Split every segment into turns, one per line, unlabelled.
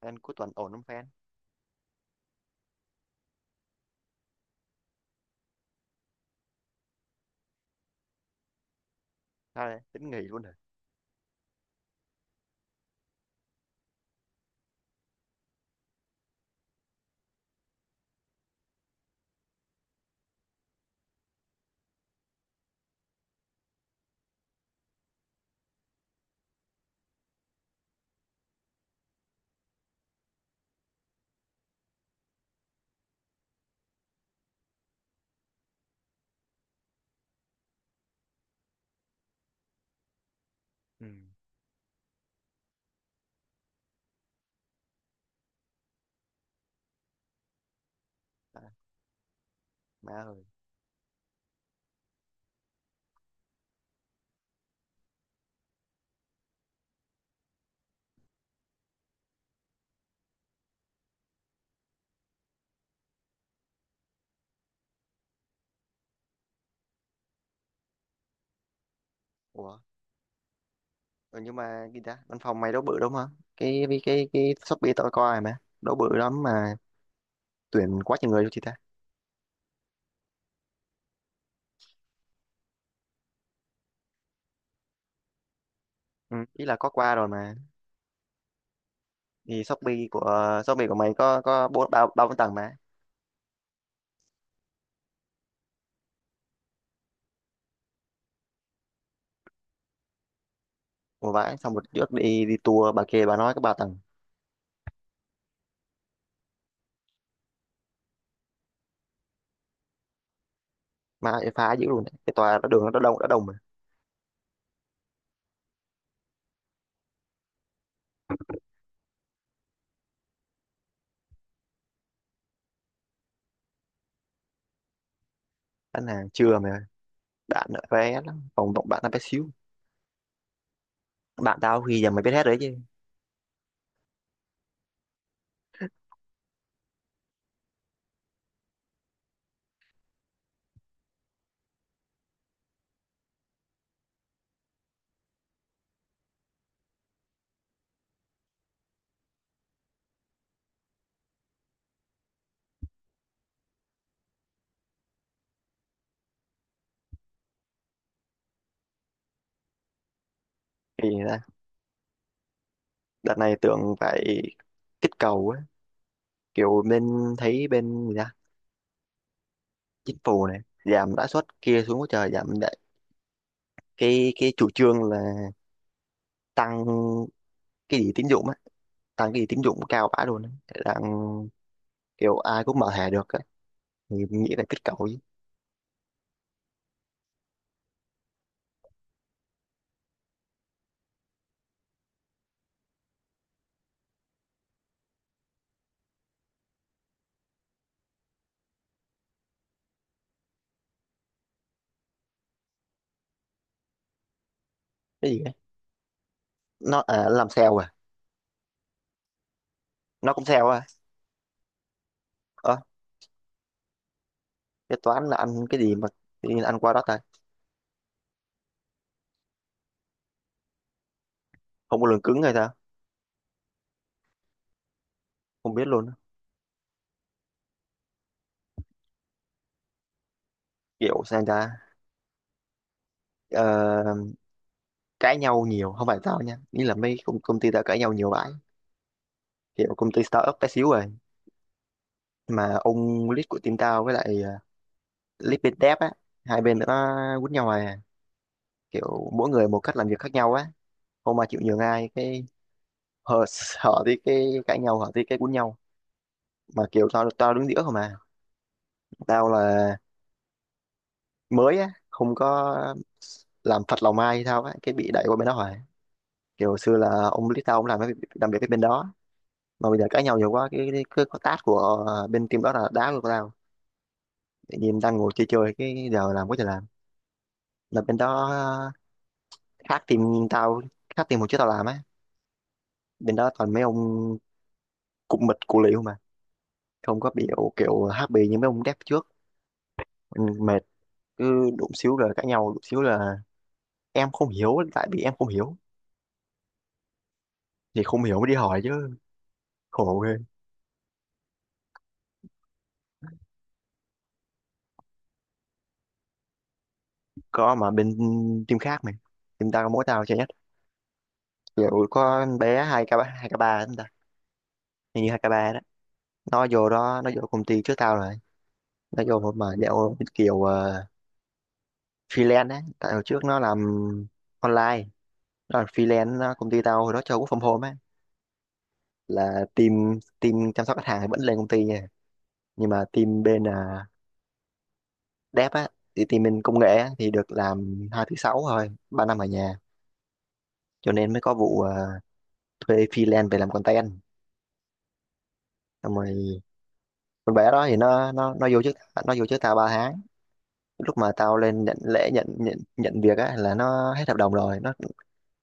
Fan, cuối tuần ổn không fan? Ra đây tính nghỉ luôn rồi. Ừ. À, má ơi. Ủa ừ, nhưng mà gì ta, văn phòng mày đâu bự đâu mà. Cái Shopee tao coi rồi mà đâu bự lắm mà, tuyển quá trời người luôn chị ta. Ừ, ý là có qua rồi mà. Thì Shopee của mày có có ba ba bốn tầng mà. Ủa vãi, xong một trước đi đi tour bà kia bà nói cái ba tầng mà phá dữ luôn đấy, cái tòa nó đường nó đã đông mà. Anh hàng chưa mà, bạn vé lắm phòng, bạn bạn nó bé xíu. Bạn tao khi giờ mày biết hết rồi chứ. Kỳ. Đợt này tưởng phải kích cầu ấy, kiểu bên, thấy bên gì ta, chính phủ này giảm lãi suất kia xuống quá trời giảm lại. Cái chủ trương là tăng cái gì tín dụng á, tăng cái gì tín dụng cao bã luôn á, đang kiểu ai cũng mở thẻ được á, thì nghĩ là kích cầu chứ. Cái gì ấy, nó à, làm sale à? Nó cũng sale à? Ờ, cái toán là ăn cái gì mà tự nhiên ăn qua đó ta? Không có lường cứng hay sao? Không biết luôn á. Kiểu sao ta? ờ, Cãi nhau nhiều, không phải tao nha, nghĩ là mấy công, công ty tao cãi nhau nhiều bãi, kiểu công ty startup bé xíu rồi. Nhưng mà ông lead của team tao với lại lead bên dev á, hai bên nó quýnh nhau à, kiểu mỗi người một cách làm việc khác nhau á, không mà chịu nhường ai. Cái hở hở thì cái cãi nhau, hở thì cái quýnh nhau. Mà kiểu tao tao đứng giữa không à. Tao là mới á, không có làm phật lòng ai hay sao á, cái bị đẩy qua bên đó rồi. Kiểu xưa là ông lead tao ông làm cái làm việc cái bên đó, mà bây giờ cãi nhau nhiều quá, cái cái task của bên team đó là đá luôn tao. Tự nhiên đang ngồi chơi chơi cái giờ làm quá trời làm. Là bên đó khác team tao, khác team hồi trước tao làm á. Bên đó toàn mấy ông cụm mịch cụ liễu mà, không có biểu kiểu happy như mấy ông dev trước. Ừ, mệt. Cứ đụng xíu là cãi nhau, đụng xíu là em không hiểu, tại vì em không hiểu thì không hiểu mới đi hỏi chứ. Khổ ghê. Có, mà bên team khác mày. Team tao có mỗi tao chơi nhất. Kiểu có bé hai k, hai k ba chúng ta, hình như hai k ba đó. Nó vô đó nó vô công ty trước tao rồi. Nó vô mà dạo kiểu freelance á, tại hồi trước nó làm online đó, là freelance đó. Công ty tao hồi đó cho work from home á, là team team chăm sóc khách hàng thì vẫn lên công ty nha, nhưng mà team bên dev á, thì team bên công nghệ á, thì được làm hai thứ sáu thôi, ba năm ở nhà. Cho nên mới có vụ thuê freelance về làm content. Xong rồi con bé đó thì nó vô trước. Nó vô trước tao ba tháng. Lúc mà tao lên nhận lễ nhận nhận nhận việc á là nó hết hợp đồng rồi,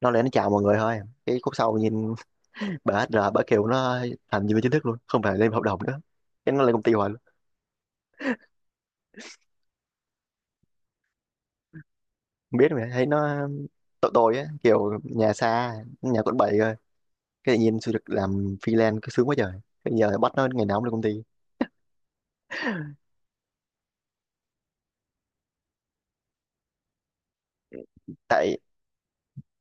nó lên nó chào mọi người thôi. Cái khúc sau nhìn bà HR bà kêu nó làm nhân viên chính thức luôn, không phải lên hợp đồng nữa. Cái nó lên công ty hoài. Không biết, mà thấy nó tội tội á, kiểu nhà xa, nhà quận 7 rồi, cái tự nhiên xin được làm freelance cứ sướng quá trời, bây giờ bắt nó ngày nào cũng lên công ty. Tại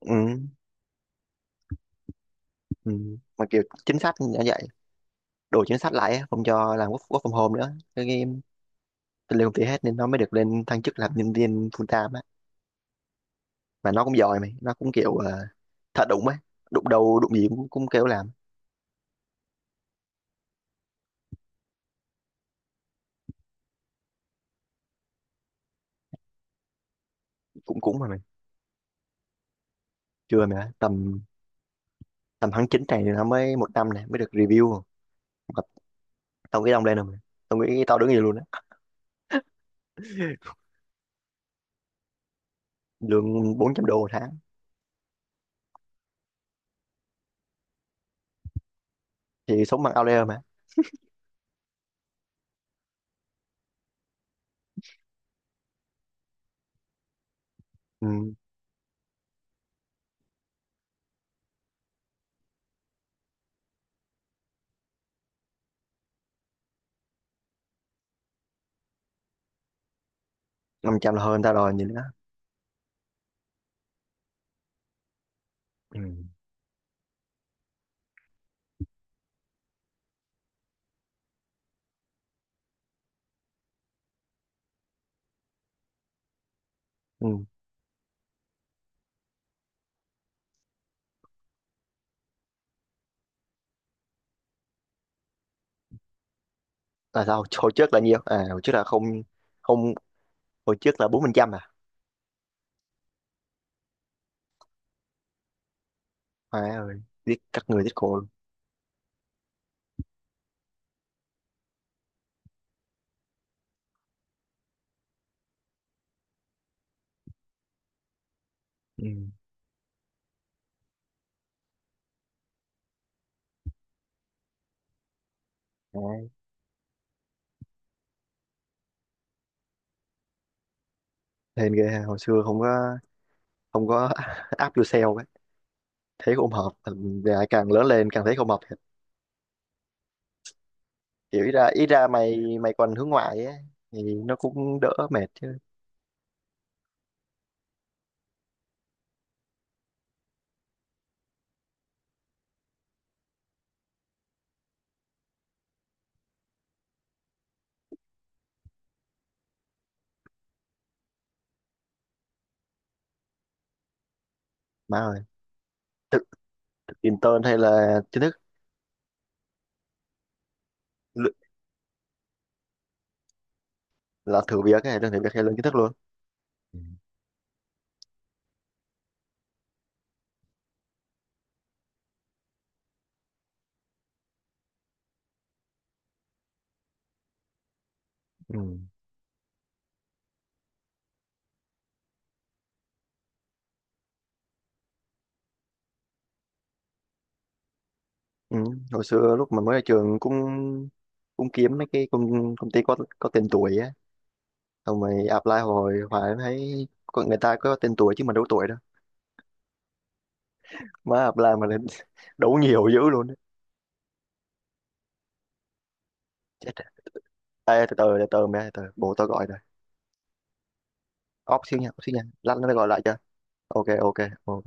ừ, ừ. Mà kiểu chính sách như vậy, đổi chính sách lại á, không cho làm work, work from home nữa, cái game lên công ty hết, nên nó mới được lên thăng chức làm nhân viên full time á. Mà nó cũng giỏi mày, nó cũng kiểu thật đụng ấy, đụng đầu đụng gì cũng kêu làm. Cũng cũng mà mày. Chưa, mà tầm tầm tháng 9 này nó mới một năm, này mới được review. Mà tao nghĩ đông lên rồi mày, tao nghĩ tao đứng gì luôn á. Lương 400 đô một tháng. Thì sống bằng outlier mà. Ừ. Năm trăm là hơn người ta rồi nhìn đó. Ừ. Ừ. Tại sao hồi trước là nhiêu à, hồi trước là không? Không. Hồi trước là 4% à? Má ơi, giết các người, giết cổ luôn. Ừ. Đấy. Hên ghê ha, hồi xưa không có. Không có. Áp yourself ấy. Thấy không hợp, và càng lớn lên càng thấy không hợp thiệt. Kiểu ý ra mày mày còn hướng ngoại ấy thì nó cũng đỡ mệt chứ. Má ơi. Thực, thực intern hay là chính thức? Lự- là thử việc hay là thử việc hay là chính thức luôn? Ừ. Ừ. Hồi xưa lúc mà mới ra trường cũng cũng kiếm mấy cái công, công ty có tên tuổi á, xong rồi apply hồi hoài mới thấy, có người ta có tên tuổi chứ mình đâu tuổi đâu. Má apply mà lên đấu nhiều dữ luôn á. Chết rồi. Ê, từ từ mẹ từ bố tao gọi rồi, off xíu nha, off xíu nha, lát nó gọi lại cho. Ok ok. Ok.